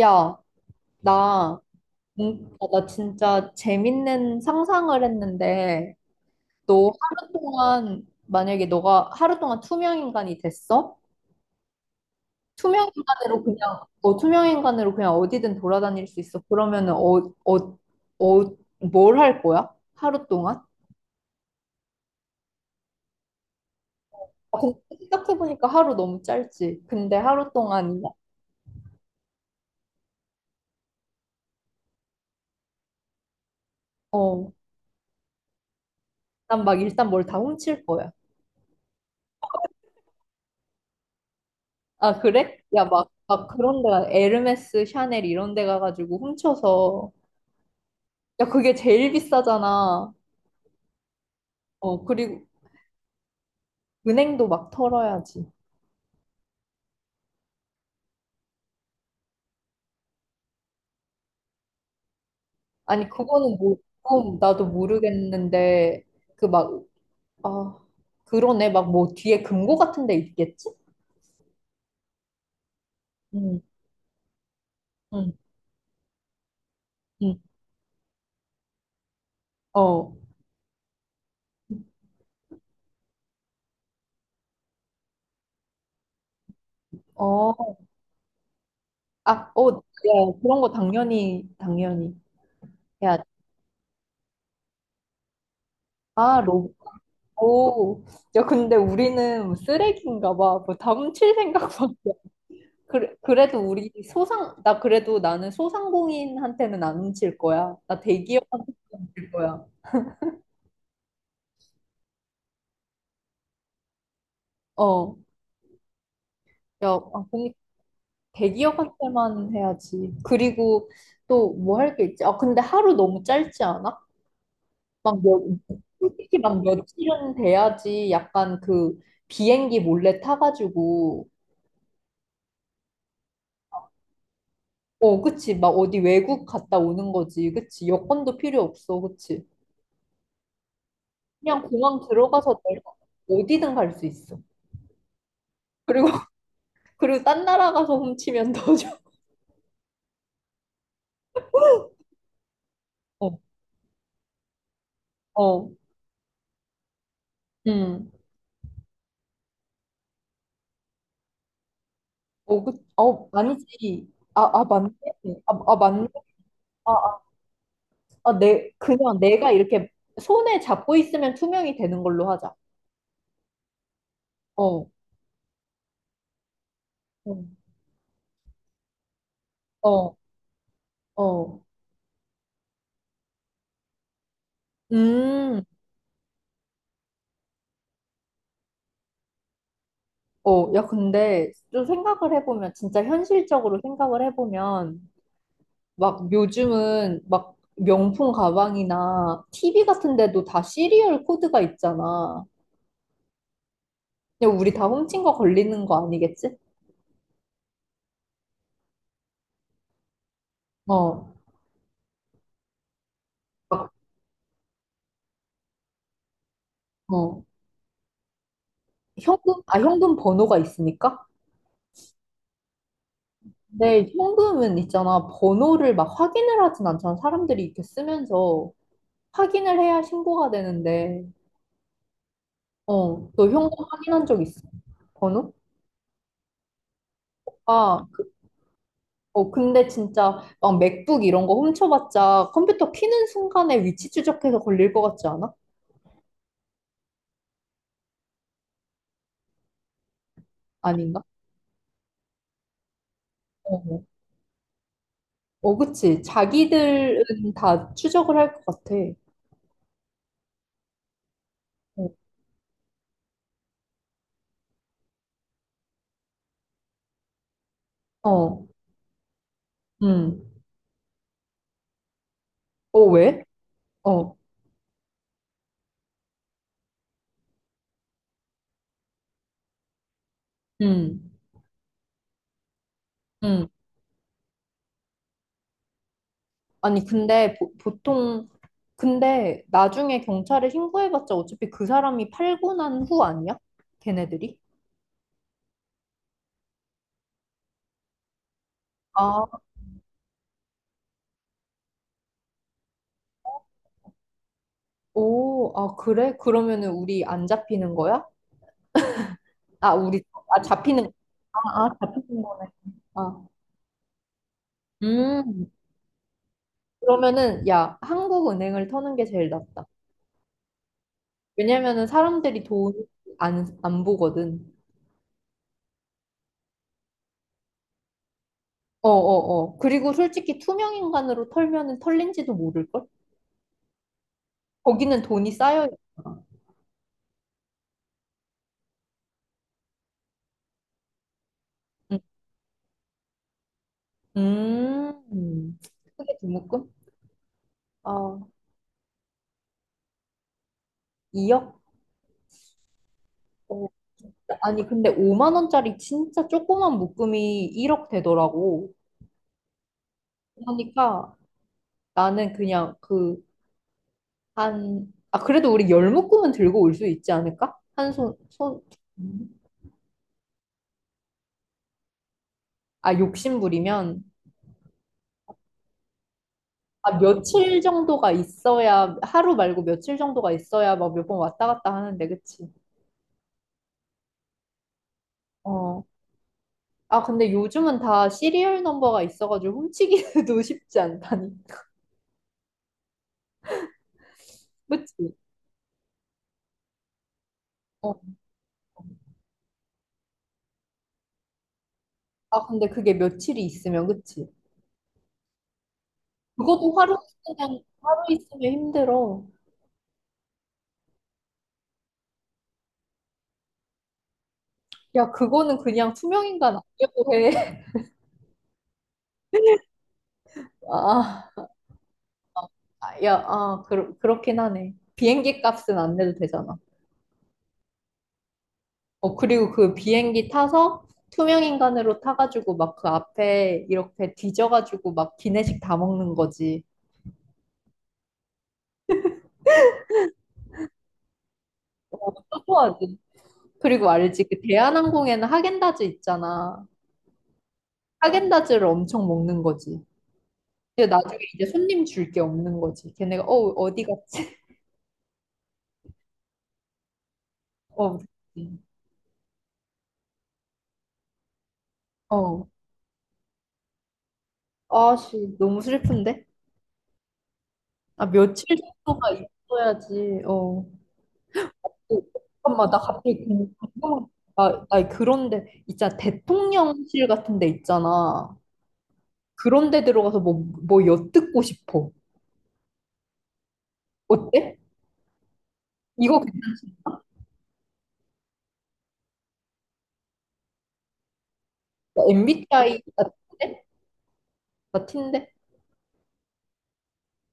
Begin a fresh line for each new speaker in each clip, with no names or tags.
야, 나, 나 진짜 재밌는 상상을 했는데. 만약에 너가 하루 동안 투명인간이 됐어? 투명인간으로 그냥 어디든 돌아다닐 수 있어. 그러면은, 뭘 할 거야? 하루 동안? 아, 근데 생각해보니까 하루 너무 짧지. 근데 하루 동안, 어, 난 막 일단 뭘 다 훔칠 거야. 아, 그래? 야, 막 그런 데가, 에르메스, 샤넬 이런 데 가가지고 훔쳐서. 야, 그게 제일 비싸잖아. 어, 그리고 은행도 막 털어야지. 아니, 그거는 뭐, 그건 나도 모르겠는데. 그 막, 아, 그러네. 막 뭐 뒤에 금고 같은 데 있겠지? 응, 응, 응. 어, 어, 아, 어, 야, 그런 거 당연히 해야지. 아, 오. 야, 근데 우리는 쓰레기인가 봐. 뭐 다훔칠 생각만. 그래, 그래도 우리 소상, 나 그래도 나는 소상공인한테는 안 훔칠 거야. 나 대기업한테 줄 거야. 어, 야, 아, 근 대기업한테만 해야지. 그리고 또 뭐 할 게 있지? 아, 근데 하루 너무 짧지 않아? 막 몇, 솔직히 막 며칠은 돼야지 약간 그 비행기 몰래 타가지고. 어, 그치. 막 어디 외국 갔다 오는 거지. 그치. 여권도 필요 없어. 그치. 그냥 공항 들어가서 내가 어디든 갈 수 있어. 그리고 그리고 딴 나라 가서 훔치면 더 좋아. 어, 어, 음. 어, 아니지. 아, 아, 맞네. 아, 아, 맞네. 아, 아, 그냥 내가 이렇게 손에 잡고 있으면 투명이 되는 걸로 하자. 어, 어, 어, 어. 음, 어, 야, 근데 좀 생각을 해보면, 진짜 현실적으로 생각을 해보면, 막 요즘은 막 명품 가방이나 TV 같은 데도 다 시리얼 코드가 있잖아. 근데 우리 다 훔친 거 걸리는 거 아니겠지? 어, 막, 어. 현금 번호가 있으니까? 근데 현금은 있잖아. 번호를 막 확인을 하진 않잖아. 사람들이 이렇게 쓰면서 확인을 해야 신고가 되는데. 어, 너 현금 확인한 적 있어? 번호? 아, 근데 진짜 막 맥북 이런 거 훔쳐봤자 컴퓨터 키는 순간에 위치 추적해서 걸릴 것 같지 않아? 아닌가? 어, 어, 그치. 자기들은 다 추적을 할 것 같아. 어, 어, 음. 어, 왜? 어, 음. 응. 아니, 근데 보통, 근데 나중에 경찰에 신고해봤자 어차피 그 사람이 팔고 난 후 아니야? 걔네들이? 아, 오, 아, 그래? 그러면은 우리 안 잡히는 거야? 아, 우리, 아, 잡히는, 아, 아, 잡히는 거네. 아, 음, 그러면은, 야, 한국은행을 터는 게 제일 낫다. 왜냐면은 사람들이 돈 안 보거든. 어, 어, 어. 그리고 솔직히 투명인간으로 털면은 털린지도 모를걸? 거기는 돈이 쌓여요. 음. 크게 두 묶음? 아, 2억? 어, 아니, 근데 5만 원짜리 진짜 조그만 묶음이 1억 되더라고. 그러니까 나는 그냥 그래도 우리 열 묶음은 들고 올 수 있지 않을까? 아, 욕심부리면. 아, 며칠 정도가 있어야, 하루 말고 며칠 정도가 있어야 막 몇 번 왔다 갔다 하는데, 그치? 어. 아, 근데 요즘은 다 시리얼 넘버가 있어가지고 훔치기도 쉽지 않다니. 그치? 어. 아, 근데 그게 며칠이 있으면, 그치? 그것도 하루 있으면 힘들어. 야, 그거는 그냥 투명인간 아니라고 해. 아, 아, 야, 아, 그렇긴 하네. 비행기 값은 안 내도 되잖아. 어, 그리고 그 비행기 타서 투명인간으로 타가지고 막 그 앞에 이렇게 뒤져가지고 막 기내식 다 먹는 거지. 어, 또또하지. 그리고 알지? 그 대한항공에는 하겐다즈 있잖아. 하겐다즈를 엄청 먹는 거지. 근데 나중에 이제 손님 줄 게 없는 거지. 걔네가 어디 갔지? 어디 갔지? 어. 아씨 너무 슬픈데? 아 며칠 정도가 있어야지. 어. 어, 잠깐만 나 갑자기 궁금한. 나 그런데 있잖아, 대통령실 같은 데 있잖아. 그런 데 들어가서 뭐 엿듣고 싶어. 어때? 이거 괜찮다. MBTI 같은데?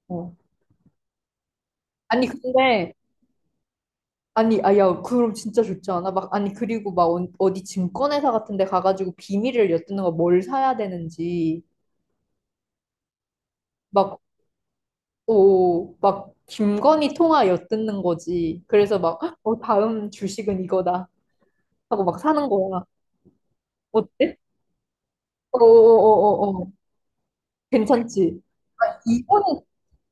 어. 아니 근데 아니, 아, 야, 그럼 진짜 좋지 않아? 막, 아니, 그리고 막 어디 증권회사 같은 데 가가지고 비밀을 엿듣는 거 뭘 사야 되는지. 막, 오, 막, 김건희 통화 엿듣는 거지. 그래서 막, "헉, 어, 다음 주식은 이거다." 하고 막 사는 거야. 어때? 어어어어어. 괜찮지? 아, 이거는,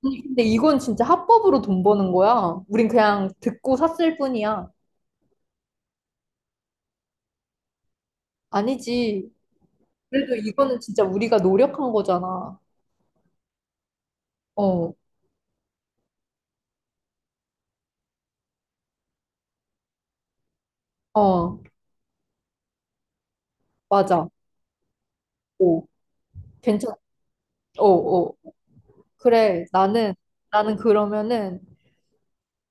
아니, 근데 이건 진짜 합법으로 돈 버는 거야. 우린 그냥 듣고 샀을 뿐이야. 아니지. 그래도 이거는 진짜 우리가 노력한 거잖아. 어, 어. 맞아. 오, 괜찮, 어, 어. 그래, 나는, 나는 그러면은,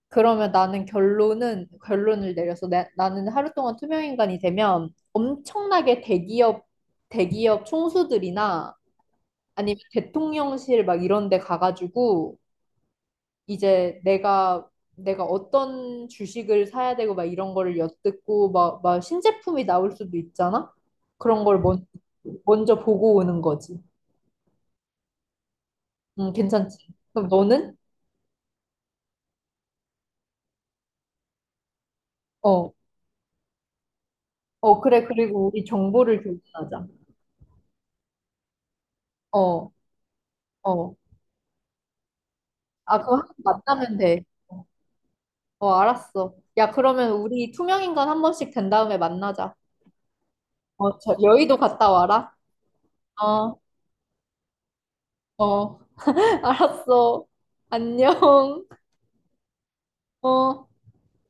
그러면 나는 결론은, 결론을 내려서 나는 하루 동안 투명인간이 되면 엄청나게 대기업 총수들이나 아니면 대통령실 막 이런 데 가가지고 이제 내가 어떤 주식을 사야 되고 막 이런 거를 엿듣고 막 신제품이 나올 수도 있잖아? 그런 걸 먼저 보고 오는 거지. 괜찮지. 그럼 너는? 어, 어, 그래. 그리고 우리 정보를 교환하자. 어, 어. 아, 그거 한번 만나면 돼. 어, 어, 알았어. 야, 그러면 우리 투명인간 한 번씩 된 다음에 만나자. 어, 저 여의도 갔다 와라. 어, 어. 알았어. 안녕. 어.